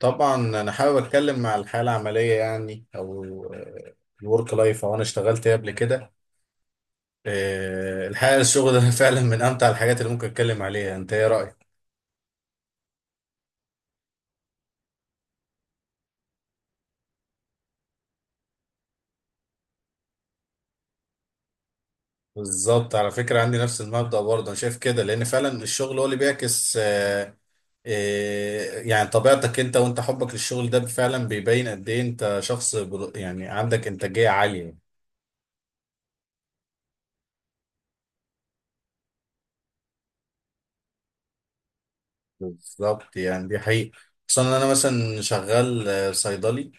طبعا انا حابب اتكلم مع الحياه العمليه يعني او الورك لايف او انا اشتغلت ايه قبل كده. الحقيقه الشغل ده فعلا من امتع الحاجات اللي ممكن اتكلم عليها. انت ايه رايك؟ بالظبط، على فكره عندي نفس المبدا برضه، انا شايف كده لان فعلا الشغل هو اللي بيعكس يعني طبيعتك. انت وانت حبك للشغل ده فعلا بيبين قد ايه انت شخص يعني عندك انتاجيه عاليه. بالظبط يعني دي حقيقة. خصوصا ان انا مثلا شغال صيدلي.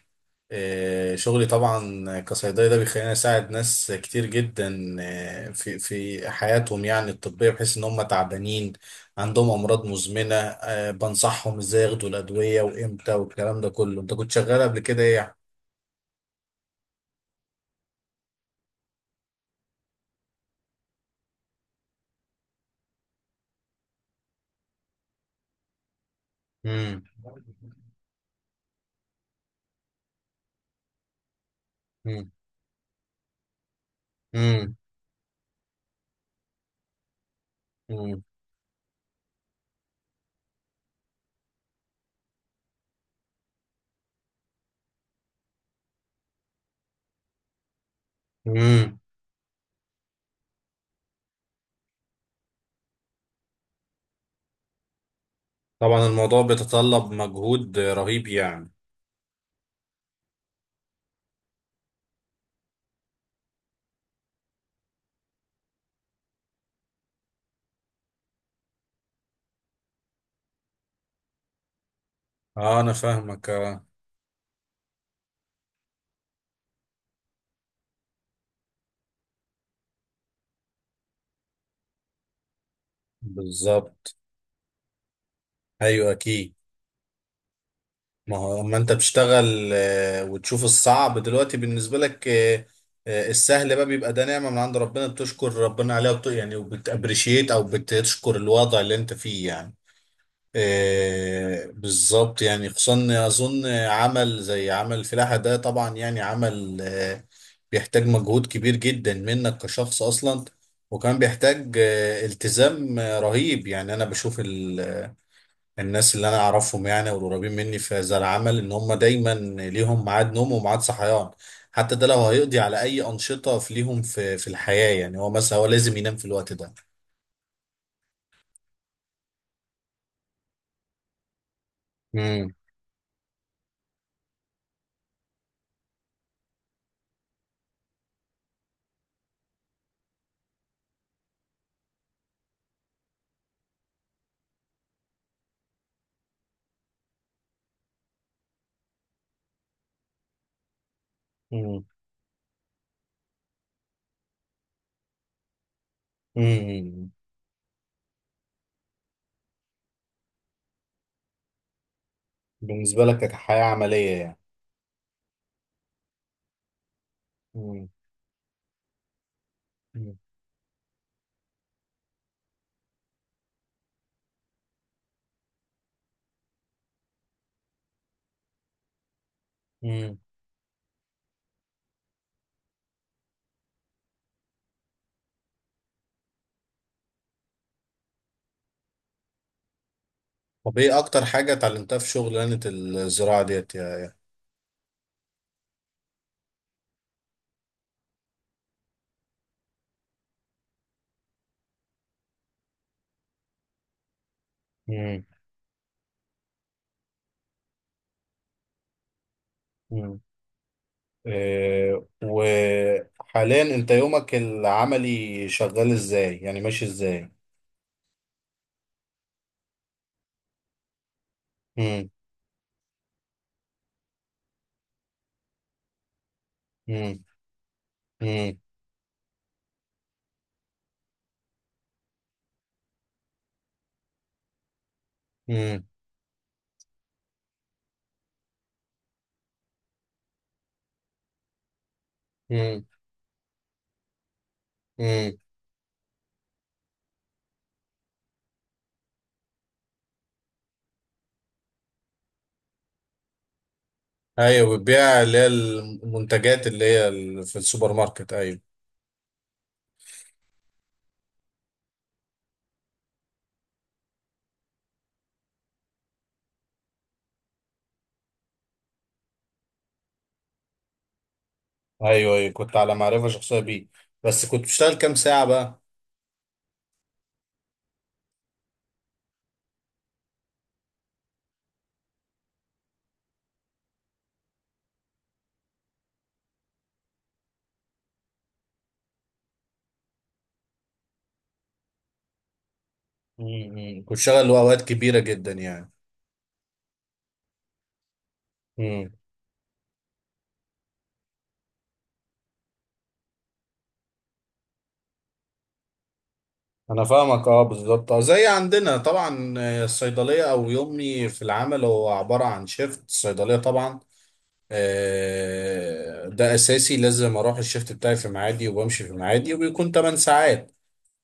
شغلي طبعا كصيدلي ده بيخليني اساعد ناس كتير جدا في حياتهم يعني الطبية، بحيث ان هم تعبانين عندهم امراض مزمنة، بنصحهم ازاي ياخدوا الادوية وامتى والكلام ده كله. انت كنت شغال قبل كده ايه يعني؟ مم. مم. مم. مم. مم. طبعا الموضوع بيتطلب مجهود رهيب يعني. اه انا فاهمك آه. بالظبط. ايوه اكيد. ما هو اما انت بتشتغل وتشوف الصعب دلوقتي بالنسبه لك، السهل بقى بيبقى ده نعمه من عند ربنا بتشكر ربنا عليها يعني وبتابريشيت او بتشكر الوضع اللي انت فيه يعني. بالظبط يعني، خصوصا اظن عمل زي عمل الفلاحه ده طبعا يعني عمل بيحتاج مجهود كبير جدا منك كشخص اصلا. وكان بيحتاج التزام رهيب يعني. انا بشوف الناس اللي انا اعرفهم يعني، والقريبين مني في هذا العمل، ان هم دايما ليهم ميعاد نوم وميعاد صحيان. حتى ده لو هيقضي على اي انشطه في ليهم في الحياه، يعني هو مثلا هو لازم ينام في الوقت ده. امم. امم. امم. بالنسبه لك كحياه عمليه يعني. امم. امم. طب ايه اكتر حاجه اتعلمتها في شغلانه الزراعه ديت يعني؟ امم. امم. إيه وحاليا انت يومك العملي شغال ازاي؟ يعني ماشي ازاي؟ امم. امم. امم. امم. امم. ايوه، بتبيع اللي هي المنتجات اللي هي في السوبر ماركت. ايوه. ايوه ايوه، كنت على معرفه شخصيه بيه. بس كنت بشتغل كام ساعه بقى؟ امم، كنت شغال اوقات كبيره جدا يعني. امم. انا فاهمك اه، بالظبط. اه زي عندنا طبعا، الصيدليه او يومي في العمل هو عباره عن شيفت الصيدليه طبعا. ده اساسي، لازم اروح الشيفت بتاعي في ميعادي وبمشي في ميعادي، وبيكون 8 ساعات.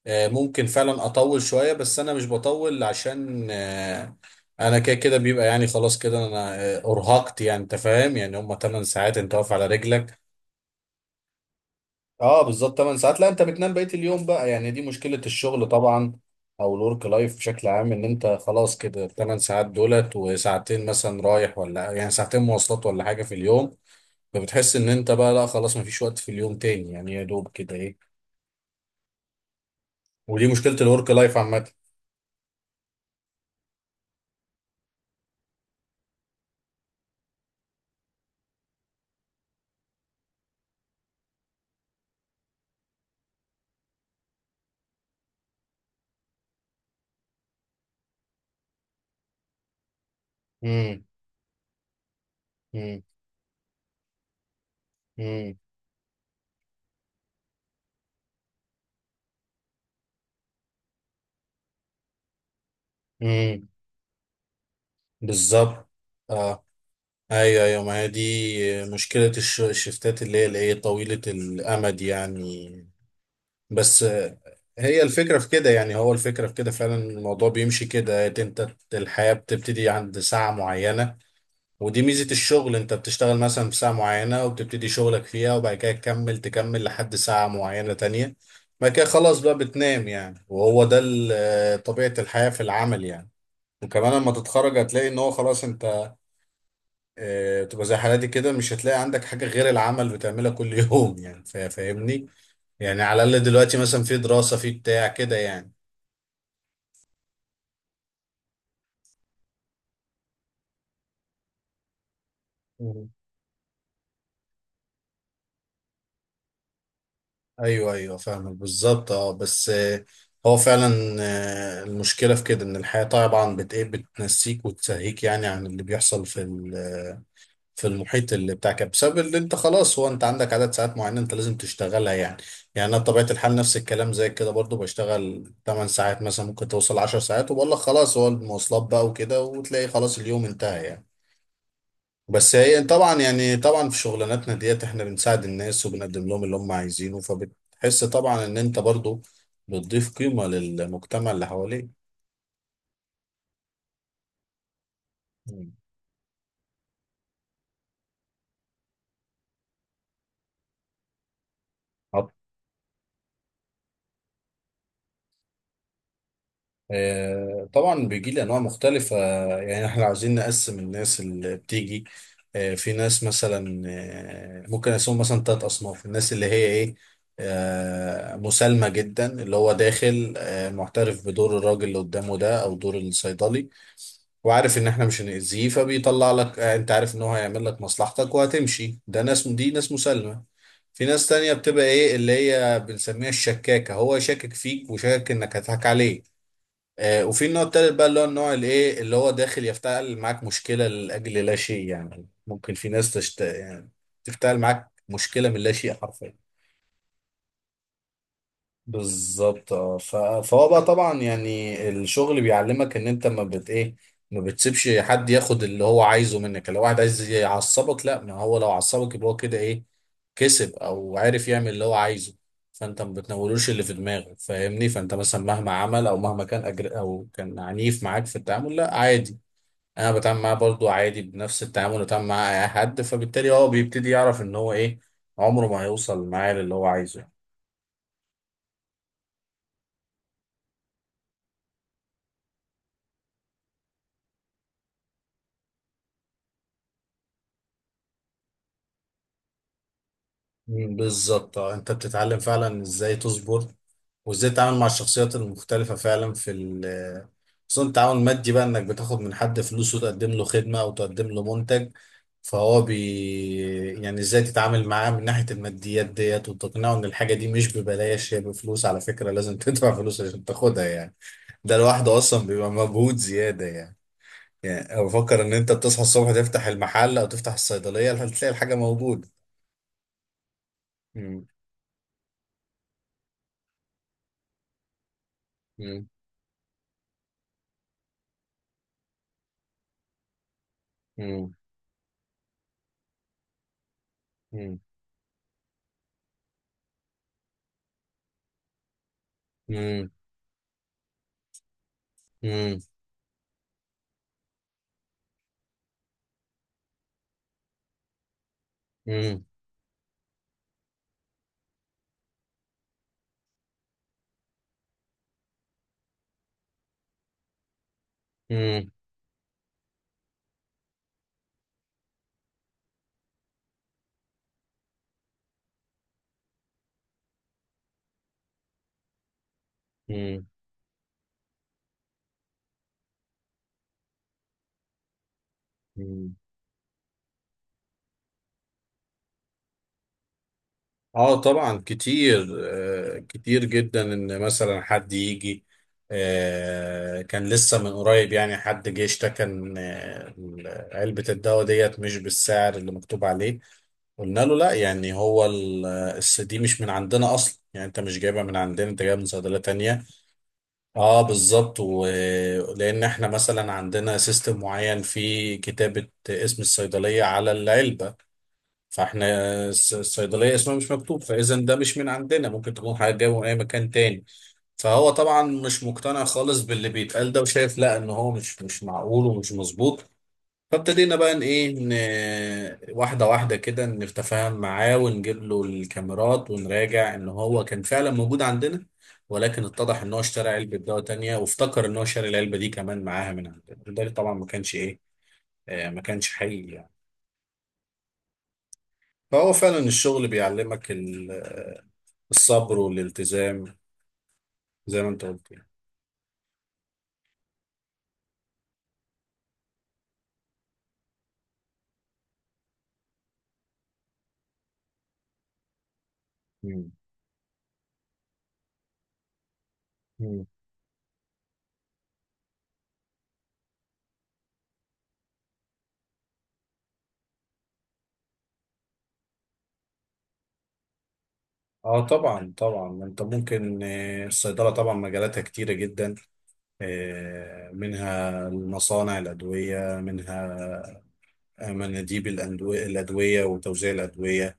ممكن فعلا اطول شويه بس انا مش بطول عشان انا كده كده بيبقى يعني خلاص كده انا ارهقت. يعني انت فاهم، يعني هم 8 ساعات انت واقف على رجلك. اه بالظبط، 8 ساعات. لا انت بتنام بقيه اليوم بقى. يعني دي مشكله الشغل طبعا، او الورك لايف بشكل عام، ان انت خلاص كده 8 ساعات دولت، وساعتين مثلا رايح ولا يعني ساعتين مواصلات ولا حاجه في اليوم. فبتحس ان انت بقى لا خلاص مفيش وقت في اليوم تاني، يعني يا دوب كده ايه. ودي مشكله الورك لايف عامه. امم. امم. امم. بالظبط اه. ايوه ايوه، ما هي دي مشكلة الشفتات اللي هي الايه طويلة الامد يعني. بس هي الفكرة في كده يعني، هو الفكرة في كده فعلا الموضوع بيمشي كده إيه، انت الحياة بتبتدي عند ساعة معينة. ودي ميزة الشغل، انت بتشتغل مثلا في ساعة معينة وبتبتدي شغلك فيها، وبعد كده تكمل تكمل لحد ساعة معينة تانية. بعد كده خلاص بقى بتنام يعني، وهو ده طبيعة الحياة في العمل يعني. وكمان لما تتخرج هتلاقي ان هو خلاص انت تبقى زي حالاتي كده، مش هتلاقي عندك حاجة غير العمل بتعملها كل يوم يعني. فاهمني يعني، على الأقل دلوقتي مثلا في دراسة في بتاع كده يعني. مم. أيوه أيوه فاهمك بالظبط. أه بس هو فعلا المشكلة في كده إن الحياة طبعا إيه بتنسيك وتسهيك يعني عن اللي بيحصل في المحيط اللي بتاعك، بسبب اللي انت خلاص هو انت عندك عدد ساعات معينة انت لازم تشتغلها يعني. يعني انا بطبيعة الحال نفس الكلام زي كده برضو بشتغل 8 ساعات، مثلا ممكن توصل 10 ساعات، وبقول لك خلاص هو المواصلات بقى وكده، وتلاقي خلاص اليوم انتهى يعني. بس هي طبعا يعني، طبعا في شغلاناتنا ديت احنا بنساعد الناس وبنقدم لهم اللي هم عايزينه، فبتحس طبعا ان انت برضو بتضيف قيمة للمجتمع اللي حواليك. مم. طبعا بيجي لي انواع مختلفه، يعني احنا عاوزين نقسم الناس اللي بتيجي. في ناس مثلا، ممكن اسمهم مثلا 3 اصناف. الناس اللي هي ايه، مسالمه جدا، اللي هو داخل معترف بدور الراجل اللي قدامه ده او دور الصيدلي، وعارف ان احنا مش هنأذيه، فبيطلع لك انت عارف ان هو هيعمل لك مصلحتك وهتمشي. ده ناس، دي ناس مسالمه. في ناس تانية بتبقى ايه اللي هي بنسميها الشكاكة، هو يشكك فيك وشاكك انك هتضحك عليه. وفي النوع التالت بقى اللي هو النوع الايه، اللي هو داخل يفتعل معاك مشكله لاجل لا شيء. يعني ممكن في ناس تشت يعني تفتعل معاك مشكله من لا شيء حرفيا. بالظبط اه، فهو بقى طبعا يعني الشغل بيعلمك ان انت ما بت ايه، ما بتسيبش حد ياخد اللي هو عايزه منك. لو واحد عايز يعصبك لا، ما هو لو عصبك يبقى هو كده ايه، كسب او عارف يعمل اللي هو عايزه. فانت ما بتنولوش اللي في دماغك، فاهمني. فانت مثلا مهما عمل او مهما كان أجر او كان عنيف معاك في التعامل، لا عادي. انا بتعامل معاه برضو عادي بنفس التعامل اللي بتعامل معاه اي حد، فبالتالي هو بيبتدي يعرف ان هو ايه، عمره ما هيوصل معاه للي هو عايزه. مم، بالظبط اه. انت بتتعلم فعلا ازاي تصبر، وازاي تتعامل مع الشخصيات المختلفة فعلا في ال خصوصا التعاون المادي بقى، انك بتاخد من حد فلوس وتقدم له خدمة او تقدم له منتج، فهو بي يعني ازاي تتعامل معاه من ناحية الماديات ديت، وتقنعه ان الحاجة دي مش ببلاش، هي بفلوس على فكرة، لازم تدفع فلوس عشان تاخدها يعني. ده لوحده اصلا بيبقى مجهود زيادة يعني. يعني أنا بفكر ان انت بتصحى الصبح تفتح المحل او تفتح الصيدلية هتلاقي الحاجة موجودة. مم. مم. مم. مم. مم. مم. مم. مم. مم. مم. اه طبعا كتير، آه كتير جدا. ان مثلا حد يجي، آه كان لسه من قريب يعني حد جه اشتكى ان علبة الدواء ديت مش بالسعر اللي مكتوب عليه. قلنا له لا، يعني هو دي مش من عندنا اصلا، يعني انت مش جايبها من عندنا، انت جايبها من صيدلية تانية. اه بالظبط، ولان احنا مثلا عندنا سيستم معين في كتابة اسم الصيدلية على العلبة، فاحنا الصيدلية اسمها مش مكتوب، فاذا ده مش من عندنا، ممكن تكون حاجة جاية من اي مكان تاني. فهو طبعا مش مقتنع خالص باللي بيتقال ده وشايف لا، ان هو مش معقول ومش مظبوط. فابتدينا بقى ان ايه واحده واحده كده نتفاهم معاه ونجيب له الكاميرات ونراجع ان هو كان فعلا موجود عندنا. ولكن اتضح ان هو اشترى علبه دواء تانية، وافتكر ان هو شاري العلبه دي كمان معاها من عندنا، وده طبعا ما كانش ايه، ما كانش حقيقي يعني. فهو فعلا الشغل بيعلمك الصبر والالتزام زي ما انت قلت يعني. مم. مم. اه طبعا طبعا، انت ممكن الصيدله طبعا مجالاتها كتيره جدا. منها مصانع الأدوية، منها مناديب الأدوية وتوزيع الأدوية،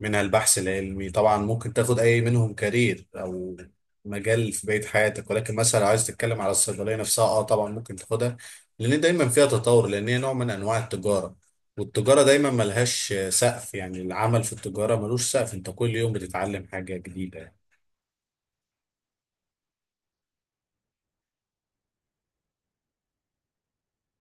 منها البحث العلمي. طبعا ممكن تاخد أي منهم كارير أو مجال في بقية حياتك. ولكن مثلا لو عايز تتكلم على الصيدلية نفسها، اه طبعا ممكن تاخدها لأن دايما فيها تطور، لأن هي نوع من أنواع التجارة، والتجارة دايما ملهاش سقف. يعني العمل في التجارة ملوش سقف، انت كل يوم بتتعلم حاجة جديدة